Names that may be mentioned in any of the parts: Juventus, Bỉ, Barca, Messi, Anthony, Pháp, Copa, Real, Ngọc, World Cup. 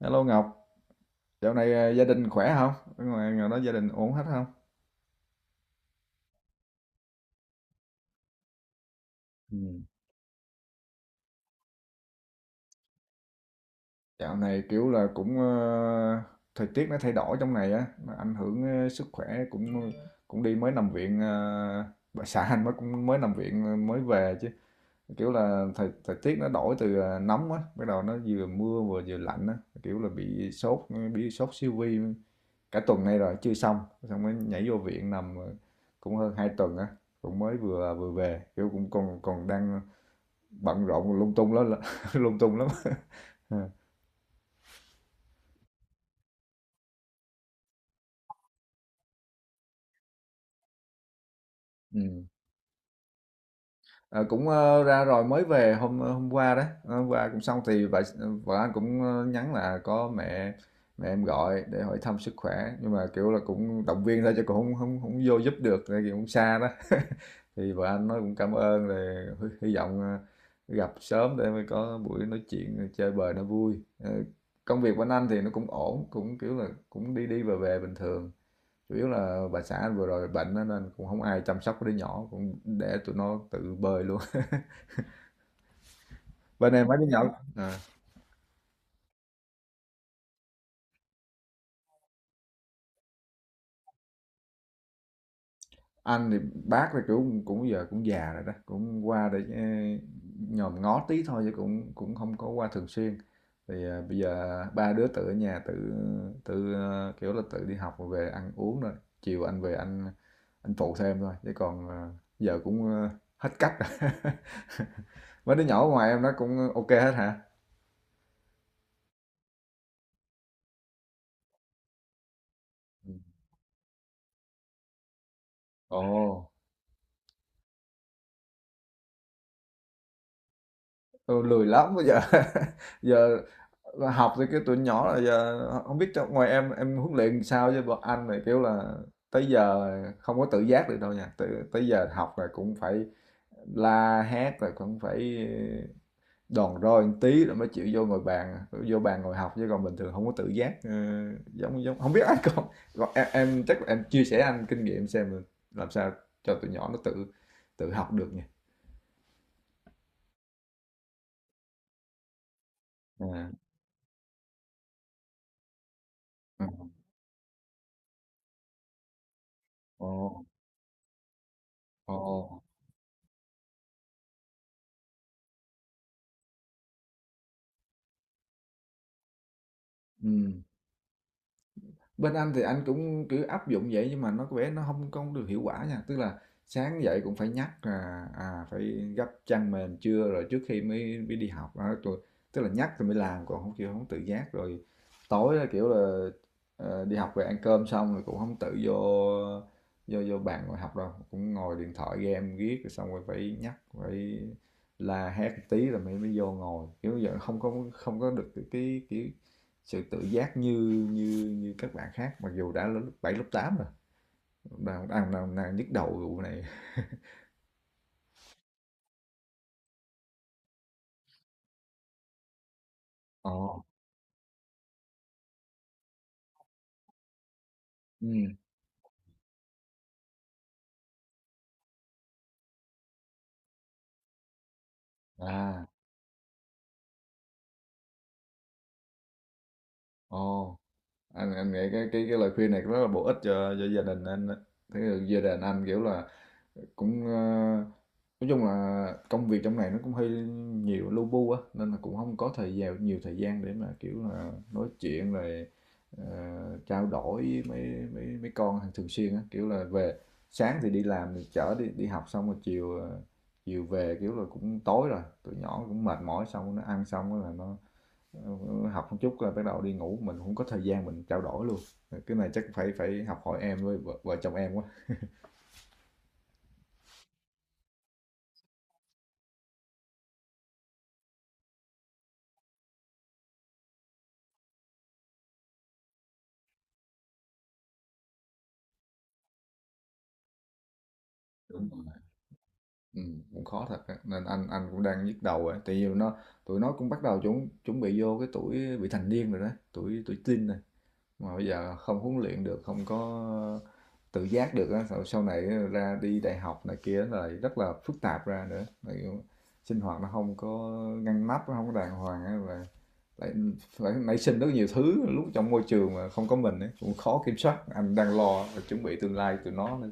Hello Ngọc, dạo này gia đình khỏe không? Ở ngoài ngoài đó gia đình ổn hết không? Ừ. Dạo này kiểu là thời tiết nó thay đổi trong này á, nó ảnh hưởng sức khỏe cũng đi mới nằm viện bà xã anh mới cũng mới nằm viện mới về chứ kiểu là thời thời tiết nó đổi từ nóng á, bắt đầu nó vừa mưa vừa vừa lạnh á, kiểu là bị sốt siêu vi cả tuần nay rồi chưa xong, xong mới nhảy vô viện nằm cũng hơn 2 tuần á cũng mới vừa vừa về kiểu cũng còn còn đang bận rộn lung tung lắm lung tung lắm ừ. Ra rồi mới về hôm qua đó. Ờ, hôm qua cũng xong thì vợ vợ anh nhắn là có mẹ mẹ em gọi để hỏi thăm sức khỏe nhưng mà kiểu là cũng động viên thôi chứ cũng không không không vô giúp được tại vì cũng xa đó thì vợ anh nói cũng cảm ơn rồi hy vọng gặp sớm để mới có buổi nói chuyện chơi bời nó vui. Ờ, công việc của anh thì nó cũng ổn cũng kiểu là cũng đi đi về về bình thường, chủ yếu là bà xã anh vừa rồi bệnh á, nên cũng không ai chăm sóc cái đứa nhỏ cũng để tụi nó tự bơi luôn bên em mấy đứa nhỏ à. Anh thì bác thì cũng cũng giờ cũng già rồi đó cũng qua để nhòm ngó tí thôi chứ cũng cũng không có qua thường xuyên thì bây giờ ba đứa tự ở nhà tự tự ờ, kiểu là tự đi học rồi về ăn uống rồi chiều anh về anh phụ thêm thôi chứ còn giờ hết cách rồi. Mấy đứa nhỏ ngoài em nó cũng ok hết hả? Ồ. Ừ, lười lắm bây giờ. Giờ học thì cái tuổi nhỏ là giờ không biết trong ngoài em huấn luyện sao chứ bọn anh này kiểu là tới giờ không có tự giác được đâu nha, tới giờ học là cũng phải la hét rồi cũng phải đòn roi một tí rồi mới chịu vô bàn ngồi học chứ còn bình thường không có tự giác. Ờ, giống giống không biết anh còn em chắc là em chia sẻ anh kinh nghiệm xem là làm sao cho tụi nhỏ nó tự tự học được nha. À, ừ. Ồ. Ồ. Ừ. Bên anh thì anh cũng cứ áp dụng vậy nhưng mà nó có vẻ nó không không được hiệu quả nha, tức là sáng dậy cũng phải nhắc là, à, phải gấp chăn mền trưa rồi trước khi mới mới đi học, đó, rồi tức là nhắc rồi mới làm, còn không kêu không tự giác. Rồi tối á, kiểu là, đi học về ăn cơm xong rồi cũng không tự vô vô vô bàn ngồi học đâu, cũng ngồi điện thoại game viết rồi xong rồi phải nhắc, phải la hét tí rồi mới mới vô ngồi, kiểu vậy, không có được cái kiểu, sự tự giác như như như các bạn khác mặc dù đã lớp 7 lớp 8 rồi, đang nhức đầu vụ này. Ồ. Ừ. À. Ồ. Anh nghĩ cái lời khuyên này rất là bổ ích cho gia đình anh á. Thế là gia đình anh kiểu là cũng ờ, nói chung là công việc trong này nó cũng hơi nhiều lu bu á nên là cũng không có thời gian nhiều thời gian để mà kiểu là nói chuyện rồi trao đổi với mấy mấy mấy con hàng thường xuyên á kiểu là về sáng thì đi làm thì chở đi đi học xong rồi chiều về kiểu là cũng tối rồi tụi nhỏ cũng mệt mỏi xong nó ăn xong rồi là nó học một chút rồi bắt đầu đi ngủ mình không có thời gian mình trao đổi luôn. Cái này chắc phải phải học hỏi em với vợ chồng em quá. Cũng khó thật á, nên anh cũng đang nhức đầu ấy. Tại vì nó tụi nó cũng bắt đầu chuẩn chuẩn bị vô cái tuổi bị thành niên rồi đó, tuổi tuổi teen rồi. Mà bây giờ không huấn luyện được, không có tự giác được á, sau sau này ra đi đại học này kia là rất là phức tạp ra nữa. Tại vì sinh hoạt nó không có ngăn nắp, nó không có đàng hoàng á và lại phải nảy sinh rất nhiều thứ lúc trong môi trường mà không có mình ấy, cũng khó kiểm soát. Anh đang lo chuẩn bị tương lai tụi nó nữa.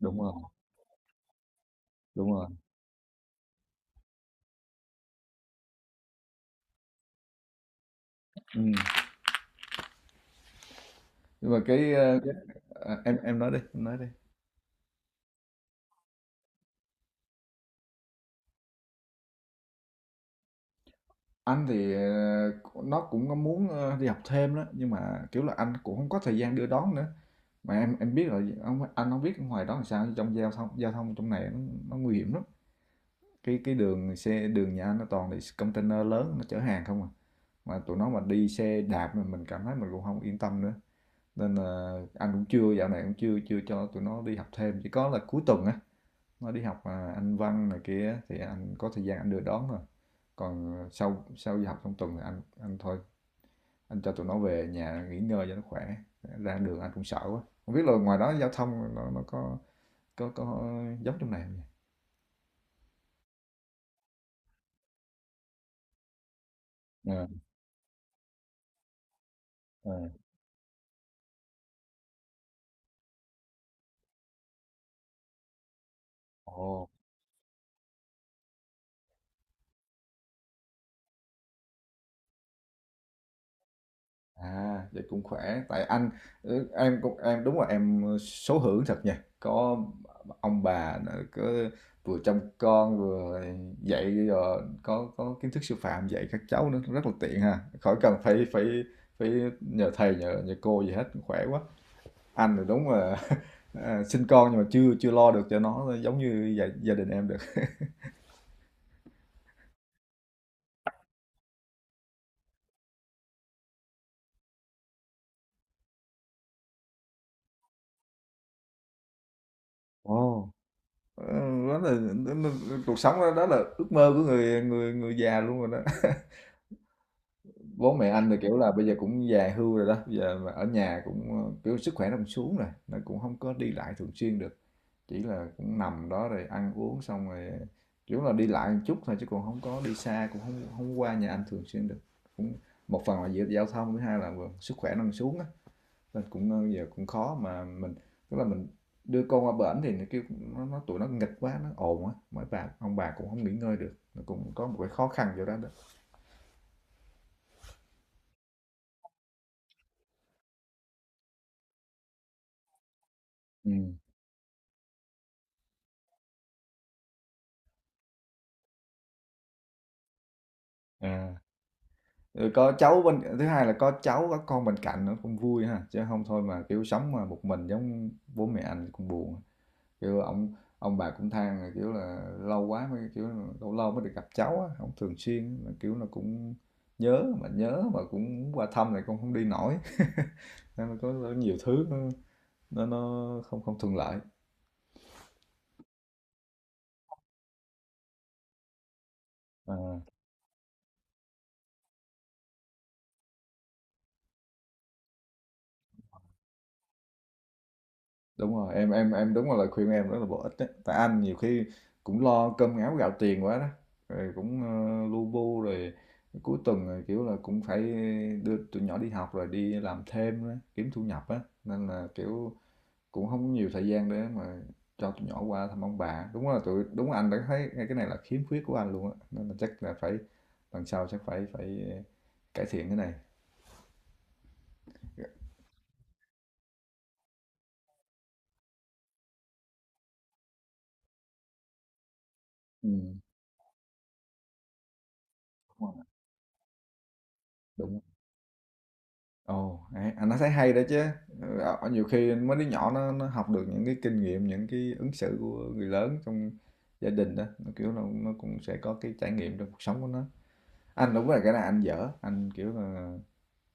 Đúng rồi, đúng rồi. Ừ. Nhưng mà cái à, nói đi em nói đi. Anh thì nó cũng có muốn đi học thêm đó nhưng mà kiểu là anh cũng không có thời gian đưa đón nữa mà em biết rồi ông, anh không biết ở ngoài đó làm sao, trong giao thông trong này nó nguy hiểm lắm, cái đường xe đường nhà anh nó toàn là container lớn nó chở hàng không à, mà tụi nó mà đi xe đạp mà mình cảm thấy mình cũng không yên tâm nữa, nên là anh cũng chưa, dạo này cũng chưa chưa cho tụi nó đi học thêm chỉ có là cuối tuần á nó đi học, à, Anh văn này kia thì anh có thời gian anh đưa đón rồi. Còn à, sau sau đi học trong tuần thì anh thôi, anh cho tụi nó về nhà nghỉ ngơi cho nó khỏe, ra đường anh cũng sợ quá. Hông biết là ngoài đó giao thông nó có giống trong này không nhỉ? Ờ, ờ, ồ. À, vậy cũng khỏe, tại anh, em cũng em đúng là em số hưởng thật nha. Có ông bà nữa, cứ vừa trông con vừa dạy rồi có kiến thức sư phạm dạy các cháu nữa rất là tiện ha. Khỏi cần phải phải phải nhờ thầy nhờ nhờ cô gì hết, khỏe quá. Anh thì đúng là à, sinh con nhưng mà chưa chưa lo được cho nó giống như gia đình em được. Ồ. Ừ, đó là đó là- cuộc sống đó, đó là ước mơ của người người người già luôn rồi đó. Bố mẹ anh thì kiểu là bây giờ cũng già hưu rồi đó, bây giờ mà ở nhà kiểu sức khỏe nó cũng xuống rồi, nó cũng không có đi lại thường xuyên được, chỉ là cũng nằm đó rồi ăn uống xong rồi kiểu là đi lại một chút thôi chứ còn không có đi xa, cũng không không qua nhà anh thường xuyên được, cũng một phần là giữa giao thông, thứ hai là vừa sức khỏe nó còn xuống á, nên giờ cũng khó mà mình, tức là mình đưa con qua bển thì nó kêu nó tụi nó nghịch quá nó ồn á mấy bà ông bà cũng không nghỉ ngơi được, nó cũng có một cái khó khăn vô đó đó. Ừ. À. Ừ, có cháu bên thứ hai là có cháu có con bên cạnh nó cũng vui ha chứ không thôi mà kiểu sống mà một mình giống bố mẹ anh cũng buồn, kiểu ông bà cũng than là kiểu là lâu quá mới kiểu lâu lâu mới được gặp cháu á không thường xuyên mà kiểu là cũng nhớ, mà nhớ mà cũng qua thăm này cũng không đi nổi. Nên là có nhiều thứ nó nó không không thuận lợi. Ờ. Đúng rồi, em đúng là lời khuyên em rất là bổ ích đấy. Tại anh nhiều khi cũng lo cơm áo gạo tiền quá đó. Rồi lu bu rồi cuối tuần rồi kiểu là cũng phải đưa tụi nhỏ đi học rồi đi làm thêm đó, kiếm thu nhập á nên là kiểu cũng không có nhiều thời gian để mà cho tụi nhỏ qua thăm ông bà. Đúng là tụi đúng là anh đã thấy ngay cái này là khiếm khuyết của anh luôn á. Nên là chắc là phải lần sau chắc phải phải cải thiện cái này. Ừ, đúng rồi. Đúng. Ồ, hay, à, nó thấy hay đó chứ. Ờ, ờ, nhiều khi mấy đứa nhỏ nó học được những cái kinh nghiệm, những cái ứng xử của người lớn trong gia đình đó, nó kiểu là nó cũng sẽ có cái trải nghiệm trong cuộc sống của nó. Anh đúng là cái này anh dở, anh kiểu là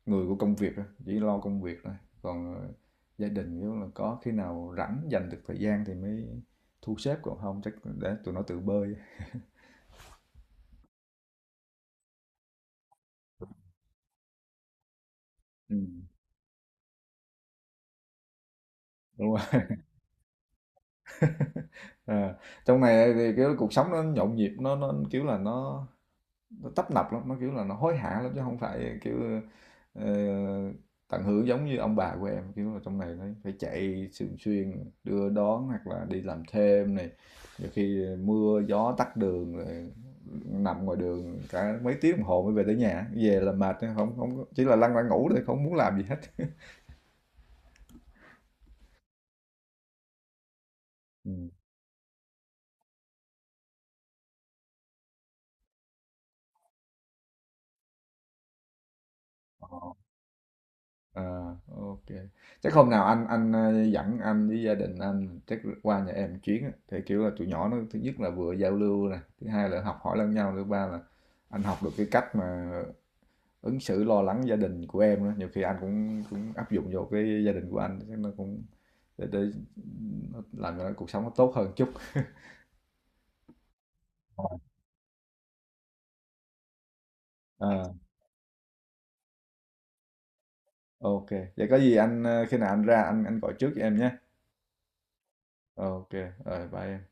người của công việc thôi, chỉ lo công việc thôi. Còn gia đình kiểu là có khi nào rảnh dành được thời gian thì mới thu xếp còn không chắc để tụi nó tự bơi. Ừ, đúng rồi. À, trong này thì kiểu cuộc sống nó nhộn nhịp, nó kiểu là nó tấp nập lắm, nó, kiểu là, nó hối hả lắm chứ không phải, kiểu, ờ, tận hưởng giống như ông bà của em. Kiểu là, trong này nó phải chạy thường xuyên, đưa đón hoặc là đi làm thêm này, nhiều khi mưa gió tắc đường rồi nằm ngoài đường cả mấy tiếng đồng hồ mới về tới nhà, về là mệt, không không chỉ là lăn ra ngủ thôi, không muốn làm gì hết. Ừm, ờ. À, OK. Chắc hôm nào anh dẫn anh với gia đình anh chắc qua nhà em chuyến á, thì, kiểu là, tụi nhỏ nó thứ nhất là vừa giao lưu nè, thứ hai là học hỏi lẫn nhau, thứ ba là anh học được cái cách mà ứng xử lo lắng gia đình của em á, nhiều khi anh cũng cũng áp dụng vô cái gia đình của anh, chắc nó cũng để nó làm cho nó cuộc sống nó tốt hơn chút. Ờ, OK. Vậy có gì khi nào anh ra anh gọi trước cho em nhé. OK, rồi bye em.